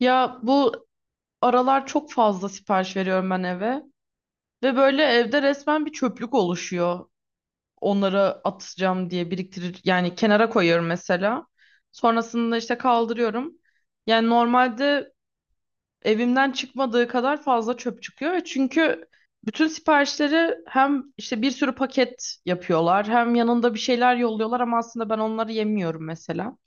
Ya bu aralar çok fazla sipariş veriyorum ben eve ve böyle evde resmen bir çöplük oluşuyor. Onları atacağım diye biriktirir, yani kenara koyuyorum mesela. Sonrasında işte kaldırıyorum. Yani normalde evimden çıkmadığı kadar fazla çöp çıkıyor ve çünkü bütün siparişleri hem işte bir sürü paket yapıyorlar hem yanında bir şeyler yolluyorlar ama aslında ben onları yemiyorum mesela.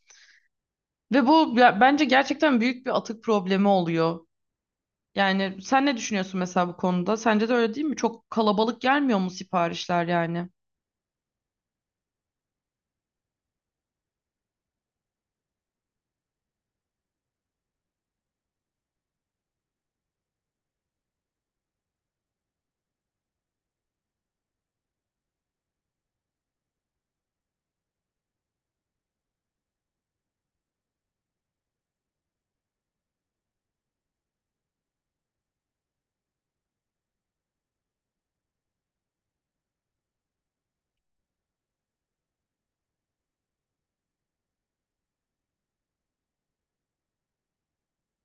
Ve bu bence gerçekten büyük bir atık problemi oluyor. Yani sen ne düşünüyorsun mesela bu konuda? Sence de öyle değil mi? Çok kalabalık gelmiyor mu siparişler yani?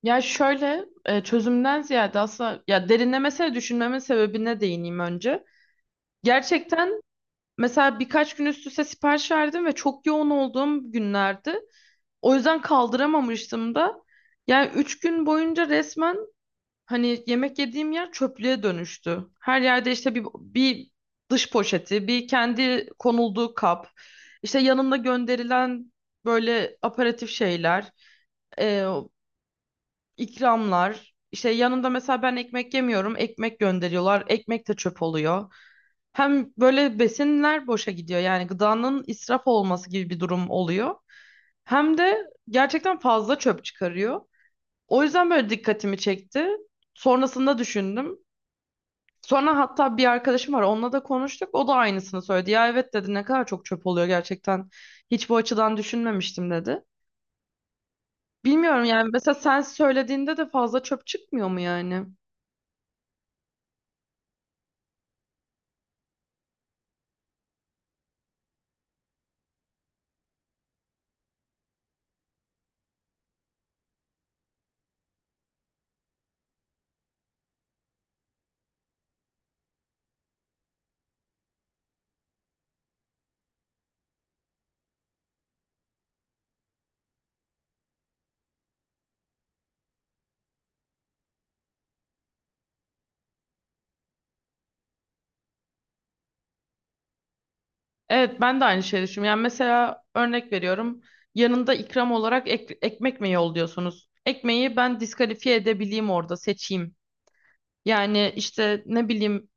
Ya şöyle çözümden ziyade aslında, ya, derinlemesine düşünmemin sebebine değineyim önce. Gerçekten mesela birkaç gün üst üste sipariş verdim ve çok yoğun olduğum günlerdi. O yüzden kaldıramamıştım da. Yani 3 gün boyunca resmen hani yemek yediğim yer çöplüğe dönüştü. Her yerde işte bir dış poşeti, bir kendi konulduğu kap, işte yanında gönderilen böyle aparatif şeyler, e, ikramlar. İşte yanında mesela ben ekmek yemiyorum, ekmek gönderiyorlar, ekmek de çöp oluyor. Hem böyle besinler boşa gidiyor, yani gıdanın israf olması gibi bir durum oluyor. Hem de gerçekten fazla çöp çıkarıyor. O yüzden böyle dikkatimi çekti. Sonrasında düşündüm. Sonra hatta bir arkadaşım var, onunla da konuştuk. O da aynısını söyledi. Ya, evet dedi, ne kadar çok çöp oluyor gerçekten. Hiç bu açıdan düşünmemiştim dedi. Bilmiyorum yani, mesela sen söylediğinde de fazla çöp çıkmıyor mu yani? Evet, ben de aynı şeyi düşünüyorum. Yani mesela örnek veriyorum. Yanında ikram olarak ekmek mi yolluyorsunuz? Ekmeği ben diskalifiye edebileyim, orada seçeyim. Yani işte ne bileyim,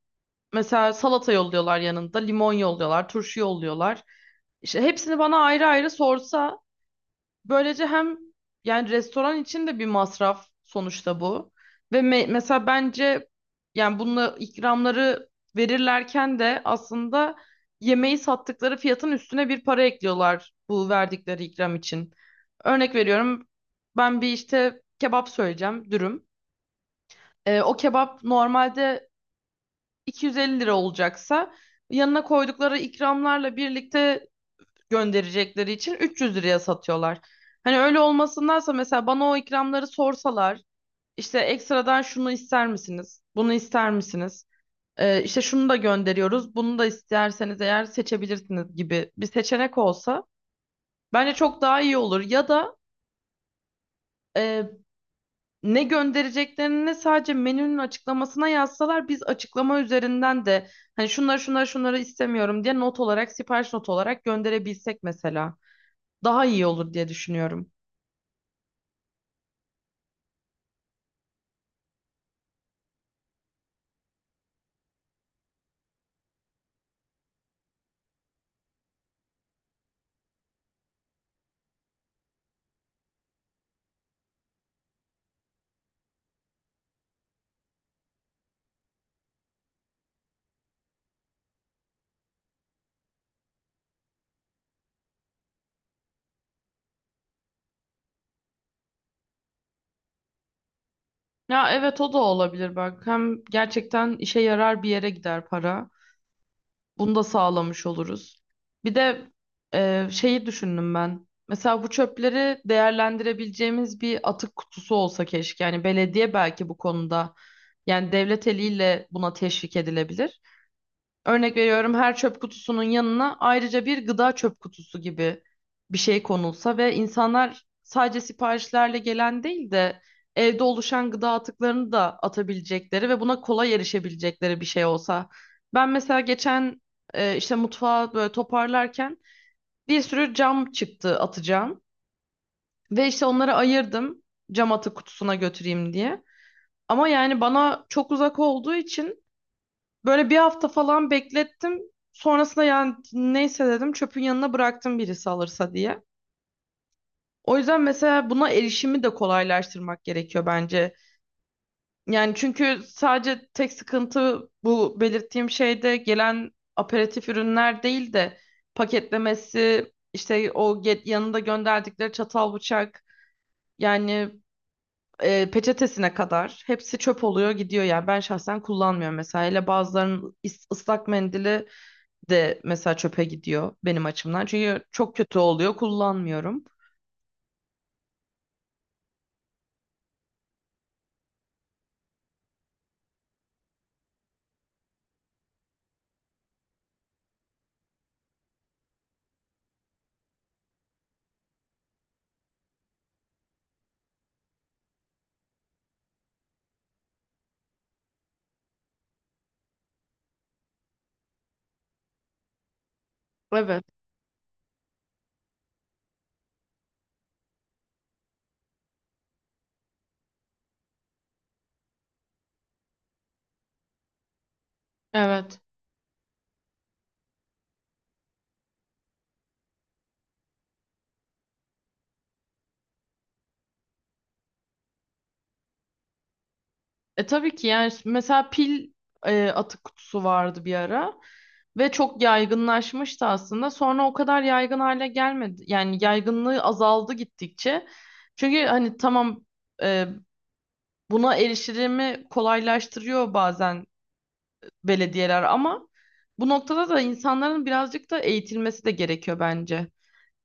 mesela salata yolluyorlar yanında, limon yolluyorlar, turşu yolluyorlar. İşte hepsini bana ayrı ayrı sorsa, böylece hem, yani, restoran için de bir masraf sonuçta bu. Ve mesela bence, yani bununla ikramları verirlerken de aslında yemeği sattıkları fiyatın üstüne bir para ekliyorlar bu verdikleri ikram için. Örnek veriyorum, ben bir işte kebap söyleyeceğim, dürüm. O kebap normalde 250 lira olacaksa yanına koydukları ikramlarla birlikte gönderecekleri için 300 liraya satıyorlar. Hani öyle olmasındansa mesela bana o ikramları sorsalar, işte ekstradan şunu ister misiniz? Bunu ister misiniz? İşte şunu da gönderiyoruz. Bunu da isterseniz eğer seçebilirsiniz gibi bir seçenek olsa bence çok daha iyi olur. Ya da e, ne göndereceklerini sadece menünün açıklamasına yazsalar, biz açıklama üzerinden de hani şunları şunları şunları istemiyorum diye not olarak, sipariş not olarak gönderebilsek mesela daha iyi olur diye düşünüyorum. Ya evet, o da olabilir, bak hem gerçekten işe yarar bir yere gider para. Bunu da sağlamış oluruz. Bir de şeyi düşündüm ben. Mesela bu çöpleri değerlendirebileceğimiz bir atık kutusu olsa keşke. Yani belediye belki bu konuda, yani devlet eliyle buna teşvik edilebilir. Örnek veriyorum, her çöp kutusunun yanına ayrıca bir gıda çöp kutusu gibi bir şey konulsa ve insanlar sadece siparişlerle gelen değil de evde oluşan gıda atıklarını da atabilecekleri ve buna kolay erişebilecekleri bir şey olsa. Ben mesela geçen işte mutfağı böyle toparlarken bir sürü cam çıktı, atacağım ve işte onları ayırdım, cam atık kutusuna götüreyim diye. Ama yani bana çok uzak olduğu için böyle bir hafta falan beklettim. Sonrasında yani, neyse dedim, çöpün yanına bıraktım birisi alırsa diye. O yüzden mesela buna erişimi de kolaylaştırmak gerekiyor bence. Yani çünkü sadece tek sıkıntı bu belirttiğim şeyde gelen aperatif ürünler değil de paketlemesi, işte o get yanında gönderdikleri çatal bıçak, yani peçetesine kadar hepsi çöp oluyor gidiyor, yani ben şahsen kullanmıyorum mesela, hele bazılarının ıslak mendili de mesela çöpe gidiyor benim açımdan. Çünkü çok kötü oluyor, kullanmıyorum. Evet, evet. E, tabii ki, yani mesela pil atık kutusu vardı bir ara ve çok yaygınlaşmıştı aslında. Sonra o kadar yaygın hale gelmedi. Yani yaygınlığı azaldı gittikçe. Çünkü hani tamam, e, buna erişimi kolaylaştırıyor bazen belediyeler ama bu noktada da insanların birazcık da eğitilmesi de gerekiyor bence.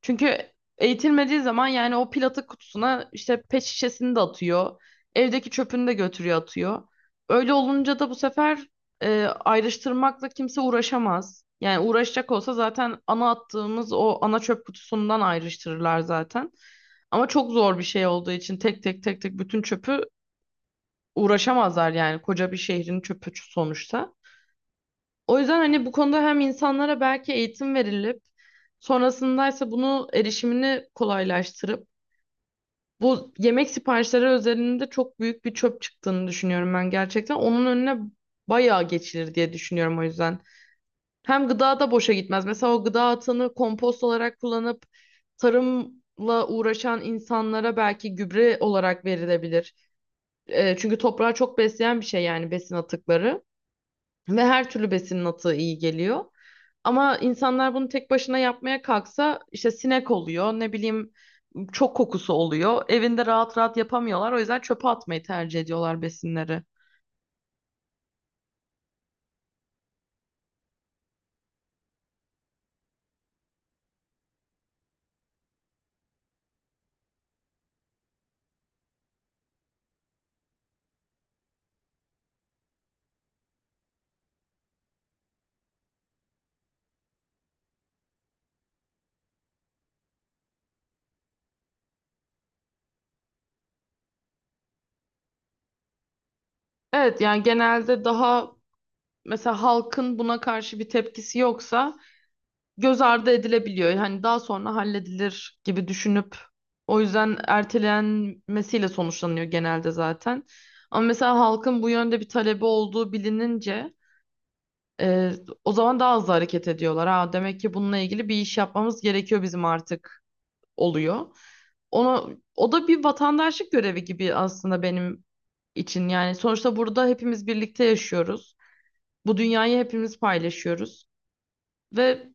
Çünkü eğitilmediği zaman yani o platık kutusuna işte pet şişesini de atıyor. Evdeki çöpünü de götürüyor atıyor. Öyle olunca da bu sefer ayrıştırmakla kimse uğraşamaz. Yani uğraşacak olsa zaten ana attığımız o ana çöp kutusundan ayrıştırırlar zaten. Ama çok zor bir şey olduğu için tek tek bütün çöpü uğraşamazlar, yani koca bir şehrin çöpü sonuçta. O yüzden hani bu konuda hem insanlara belki eğitim verilip sonrasındaysa bunu erişimini kolaylaştırıp bu yemek siparişleri özelinde çok büyük bir çöp çıktığını düşünüyorum ben gerçekten. Onun önüne bayağı geçilir diye düşünüyorum o yüzden. Hem gıda da boşa gitmez. Mesela o gıda atığını kompost olarak kullanıp tarımla uğraşan insanlara belki gübre olarak verilebilir. Çünkü toprağı çok besleyen bir şey, yani besin atıkları ve her türlü besinin atığı iyi geliyor. Ama insanlar bunu tek başına yapmaya kalksa işte sinek oluyor, ne bileyim çok kokusu oluyor. Evinde rahat rahat yapamıyorlar. O yüzden çöpe atmayı tercih ediyorlar besinleri. Evet, yani genelde daha, mesela halkın buna karşı bir tepkisi yoksa göz ardı edilebiliyor. Hani daha sonra halledilir gibi düşünüp, o yüzden ertelenmesiyle sonuçlanıyor genelde zaten. Ama mesela halkın bu yönde bir talebi olduğu bilinince Ee, o zaman daha hızlı hareket ediyorlar. Ha, demek ki bununla ilgili bir iş yapmamız gerekiyor bizim artık oluyor. Onu, o da bir vatandaşlık görevi gibi aslında benim için. Yani sonuçta burada hepimiz birlikte yaşıyoruz. Bu dünyayı hepimiz paylaşıyoruz. Ve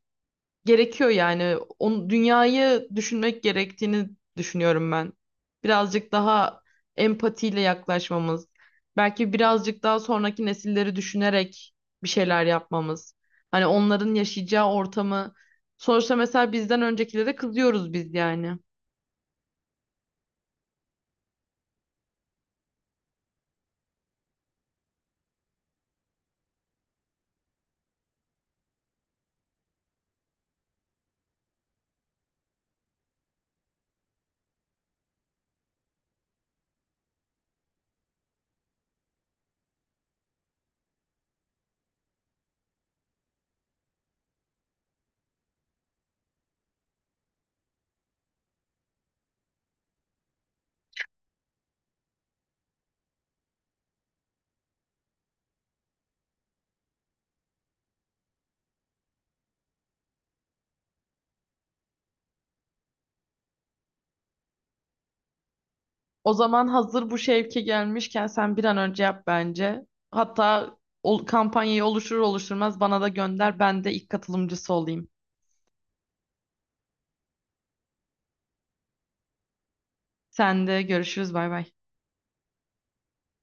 gerekiyor yani. Onu, dünyayı düşünmek gerektiğini düşünüyorum ben. Birazcık daha empatiyle yaklaşmamız, belki birazcık daha sonraki nesilleri düşünerek bir şeyler yapmamız. Hani onların yaşayacağı ortamı. Sonuçta mesela bizden öncekilere kızıyoruz biz yani. O zaman hazır bu şevke gelmişken sen bir an önce yap bence. Hatta o kampanyayı oluşturmaz bana da gönder. Ben de ilk katılımcısı olayım. Sen de görüşürüz. Bay bay.